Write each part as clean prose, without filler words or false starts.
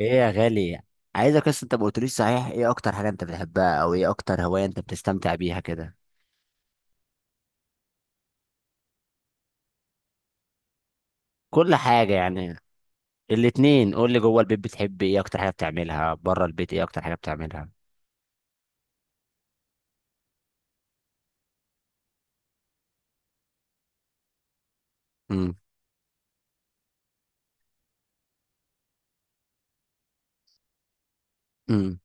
ايه يا غالي. عايزك بس انت ما قلتليش صحيح، ايه اكتر حاجه انت بتحبها او ايه اكتر هوايه انت بتستمتع بيها كده. كل حاجه يعني. الاتنين، قول لي جوه البيت بتحب ايه اكتر حاجه بتعملها، بره البيت ايه اكتر حاجه بتعملها. امم. امم.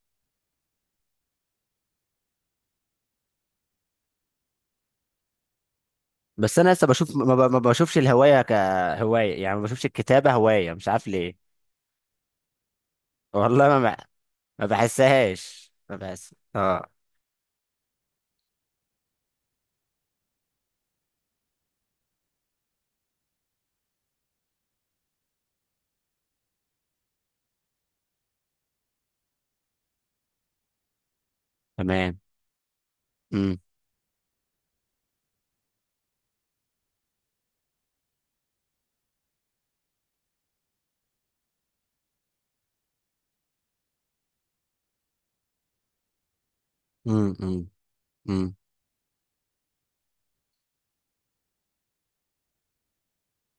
بس انا لسه بشوف ما بشوفش الهوايه كهوايه، يعني ما بشوفش الكتابه هوايه مش عارف ليه. والله ما ما بحسهاش، ما بحس اه. تمام. امم. امم. امم.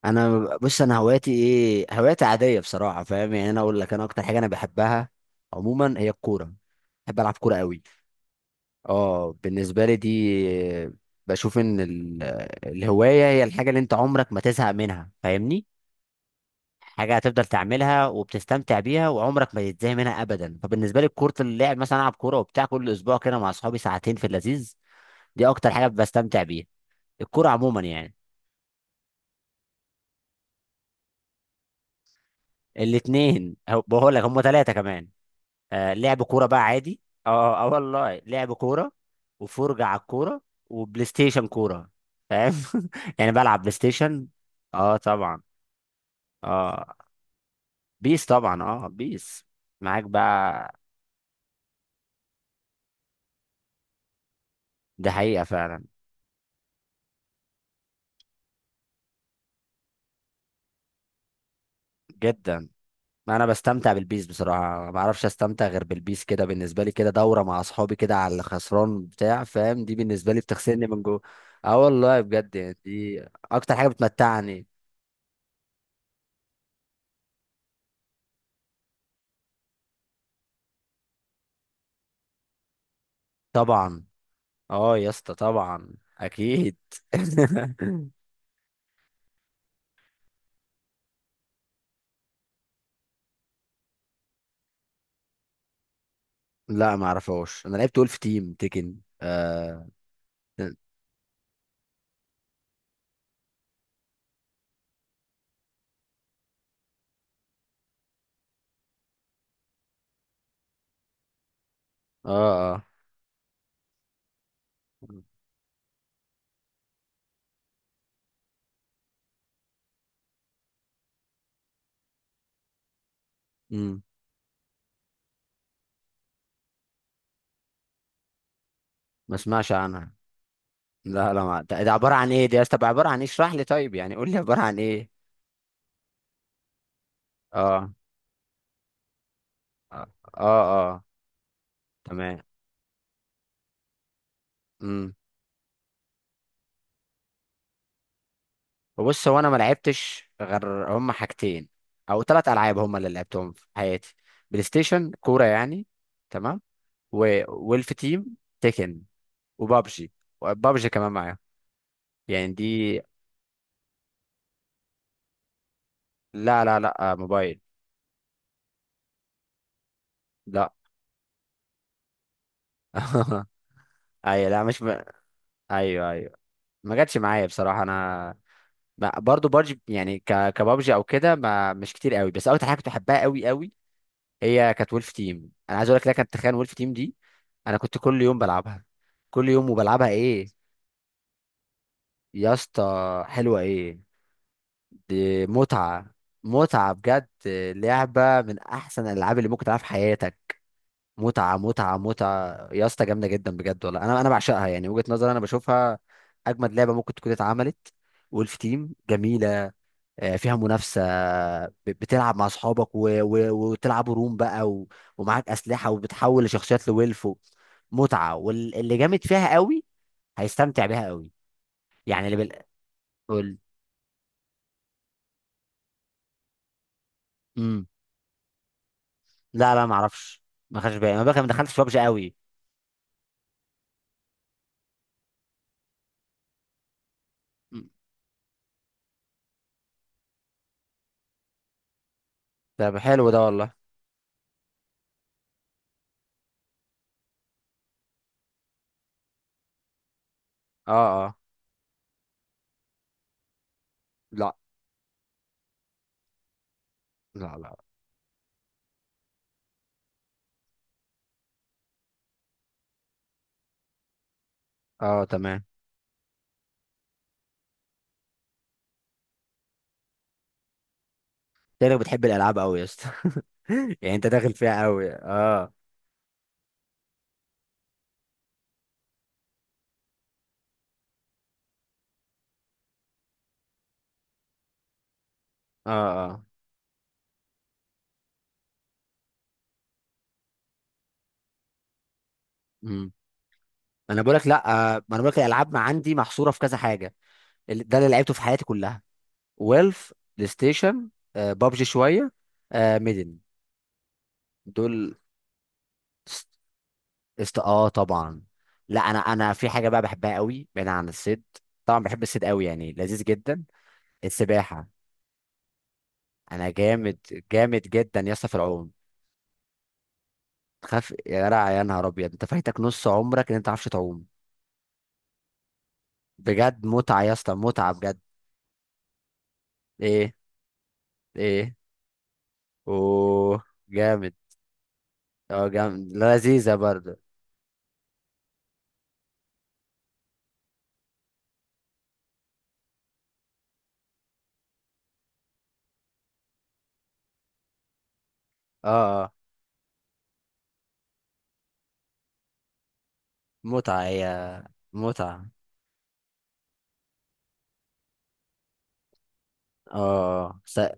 انا، بص انا هواياتي ايه، هواياتي عاديه بصراحه، فاهم يعني. انا اقول لك انا اكتر حاجه انا بحبها عموما هي الكوره. بحب العب كوره قوي. اه بالنسبه لي دي، بشوف ان الهوايه هي الحاجه اللي انت عمرك ما تزهق منها، فاهمني. حاجه هتفضل تعملها وبتستمتع بيها وعمرك ما تتزهق منها ابدا. فبالنسبه لي كره اللعب، مثلا العب كوره وبتاع كل اسبوع كده مع اصحابي ساعتين في اللذيذ. دي اكتر حاجه بستمتع بيها، الكوره عموما يعني. الاثنين بقول لك، هم ثلاثه كمان. آه، لعب كورة بقى عادي. اه آه والله، لعب كورة وفرجة على الكورة وبلاي ستيشن كورة. فاهم. يعني بلعب بلاي ستيشن. اه طبعا. اه بيس طبعا، اه بيس. معاك بقى. دي حقيقة فعلا. جدا. انا بستمتع بالبيس بصراحة، ما اعرفش استمتع غير بالبيس كده. بالنسبة لي كده دورة مع اصحابي كده على الخسران بتاع، فاهم؟ دي بالنسبة لي بتغسلني من جوه. اه والله بجد، يعني دي اكتر حاجة بتمتعني. طبعا. اه يا اسطى طبعا اكيد. لا، ما اعرفهاش. انا لعبت ولف تيم تيكن. اه. اه. اه. امم. ما اسمعش عنها. لا ما ده ده عباره عن ايه دي يا اسطى؟ طب عباره عن ايه، اشرح لي طيب، يعني قول لي عباره عن ايه. اه. اه. اه, آه. تمام. امم. بص، هو انا ما لعبتش غير هم حاجتين او ثلاث العاب هم اللي لعبتهم في حياتي. بلاي ستيشن كوره يعني. تمام. وولف تيم تيكن. وبابجي. وبابجي كمان معاهم. يعني دي. لا، موبايل. لا. ايوه، لا مش ب... ايوه ايوه. ما جاتش معايا بصراحه، انا. ما برضو بابجي يعني كبابجي او كده، ما مش كتير قوي. بس اكتر حاجه كنت بحبها قوي قوي هي كانت وولف تيم. انا عايز اقول لك، لا كانت تخيل، وولف تيم دي انا كنت كل يوم بلعبها. كل يوم وبلعبها ايه. يا اسطى حلوه ايه، دي متعه. متعه بجد. لعبه من احسن الالعاب اللي ممكن تلعبها في حياتك. متعة متعة متعة يا اسطى، جامدة جدا بجد والله. انا بعشقها يعني. وجهة نظري انا بشوفها اجمد لعبة ممكن تكون اتعملت. وولف تيم جميلة، آه، فيها منافسة. بتلعب مع اصحابك وتلعبوا روم بقى ومعاك اسلحة وبتحول لشخصيات لولف متعة. واللي جامد فيها قوي هيستمتع بيها قوي. يعني قول. امم. لا ما اعرفش. ما خدش بالي انا بقى، ما دخلتش ببجي قوي. مم. طب حلو ده والله. اه. اه. لا لا لا. اه تمام. شكلك بتحب الالعاب قوي يا اسطى. يعني انت داخل فيها قوي، اه. اه. اه. امم. انا بقول لك لا. آه، ما انا بقول لك الالعاب ما عندي محصوره في كذا حاجه. ده اللي لعبته في حياتي كلها. ويلف بلاي ستيشن. آه، بابجي شويه. آه، ميدن. دول. است... اه طبعا. لا انا، انا في حاجه بقى بحبها قوي بعيد عن الصيد. طبعا بحب الصيد قوي، يعني لذيذ جدا. السباحه. انا جامد. جامد جدا يا اسطى في العوم. تخاف؟ يا جدع يا نهار ابيض، انت فايتك نص عمرك ان انت ما تعرفش تعوم. بجد متعة يا اسطى، متعة بجد. ايه؟ ايه؟ اوه، جامد. اه جامد، لذيذة برضه. اه. اه. متعة هي. متعة. اه. اه.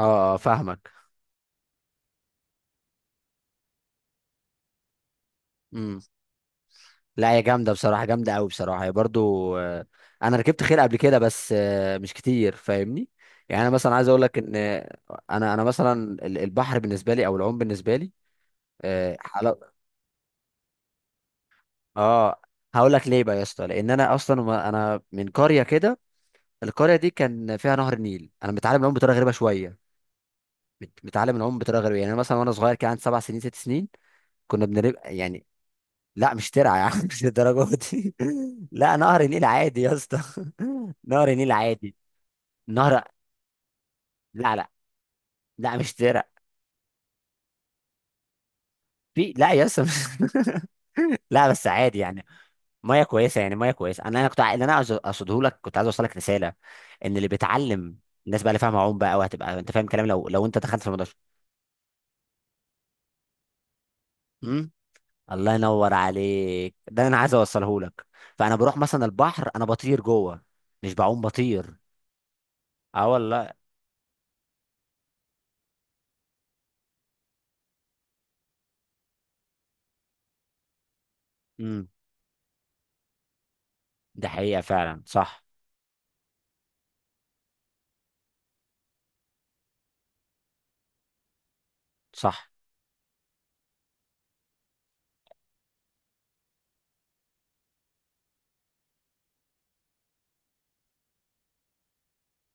اه فاهمك. امم. لا هي جامدة بصراحة، جامدة قوي بصراحة هي برضه. آه، انا ركبت خيل قبل كده بس آه، مش كتير فاهمني. يعني انا مثلا عايز اقول لك ان آه، انا مثلا البحر بالنسبة لي او العوم بالنسبة لي. اه حلا- آه، هقول لك ليه بقى يا اسطى. لان انا اصلا انا من قرية كده، القرية دي كان فيها نهر النيل. انا متعلم العوم بطريقة غريبة شوية. متعلم العوم بطريقة غريبة، يعني أنا مثلا وانا صغير كان عندي 7 سنين، 6 سنين. كنا بنبقى يعني. لا مش ترعة يا عم، مش للدرجة دي. لا نهر النيل عادي يا اسطى. نهر النيل عادي. نهر. لا لا لا مش ترعة. لا يا اسطى لا بس عادي يعني. ميه كويسه، يعني ميه كويسه. انا كنت اللي انا عايز اقصده لك، كنت عايز اوصل لك رساله ان اللي بيتعلم، الناس بقى اللي فاهمه عوم بقى وهتبقى انت فاهم كلام، لو انت دخلت في الموضوع. الله ينور عليك، ده اللي انا عايز اوصله لك. فانا بروح مثلا البحر انا بطير جوه، مش بعوم، بطير. اه والله. امم. ده حقيقة فعلا صح. صح.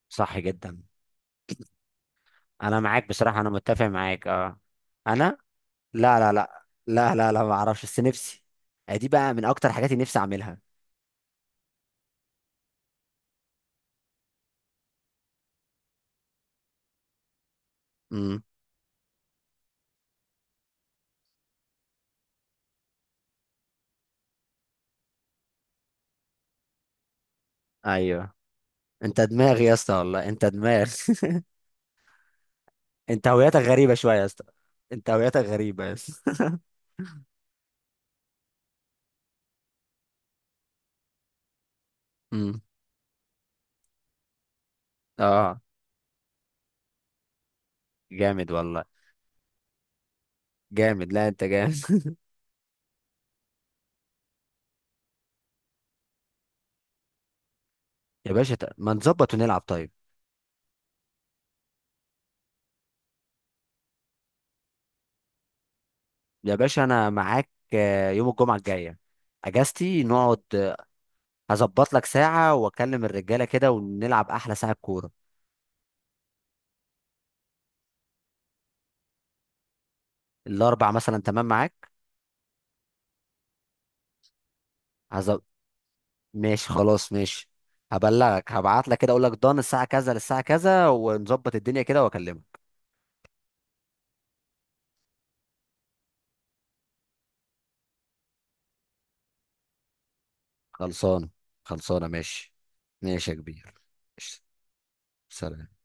صح جدا. انا معاك بصراحة، انا متفق معاك اه. انا. لا، لا ما اعرفش بس نفسي. آه، دي بقى من اكتر حاجات اللي نفسي اعملها. امم. ايوه. انت دماغ يا اسطى والله، انت دماغ. انت هويتك غريبة شوية يا اسطى. انت هويتك غريبة يا اسطى. امم. اه جامد والله. جامد. لا انت جامد. يا باشا، ما نظبط ونلعب طيب. يا باشا انا معاك، آه، يوم الجمعه الجايه اجازتي، نقعد آه، هظبط لك ساعه واكلم الرجاله كده ونلعب احلى ساعه كوره. الاربع مثلا، تمام معاك. هز... ماشي خلاص، ماشي. هبلغك، هبعت لك كده اقول لك ضن الساعه كذا للساعه كذا، ونظبط الدنيا كده واكلمك. خلصانه. خلصانه ماشي. ماشي يا كبير. ماشي. سلام.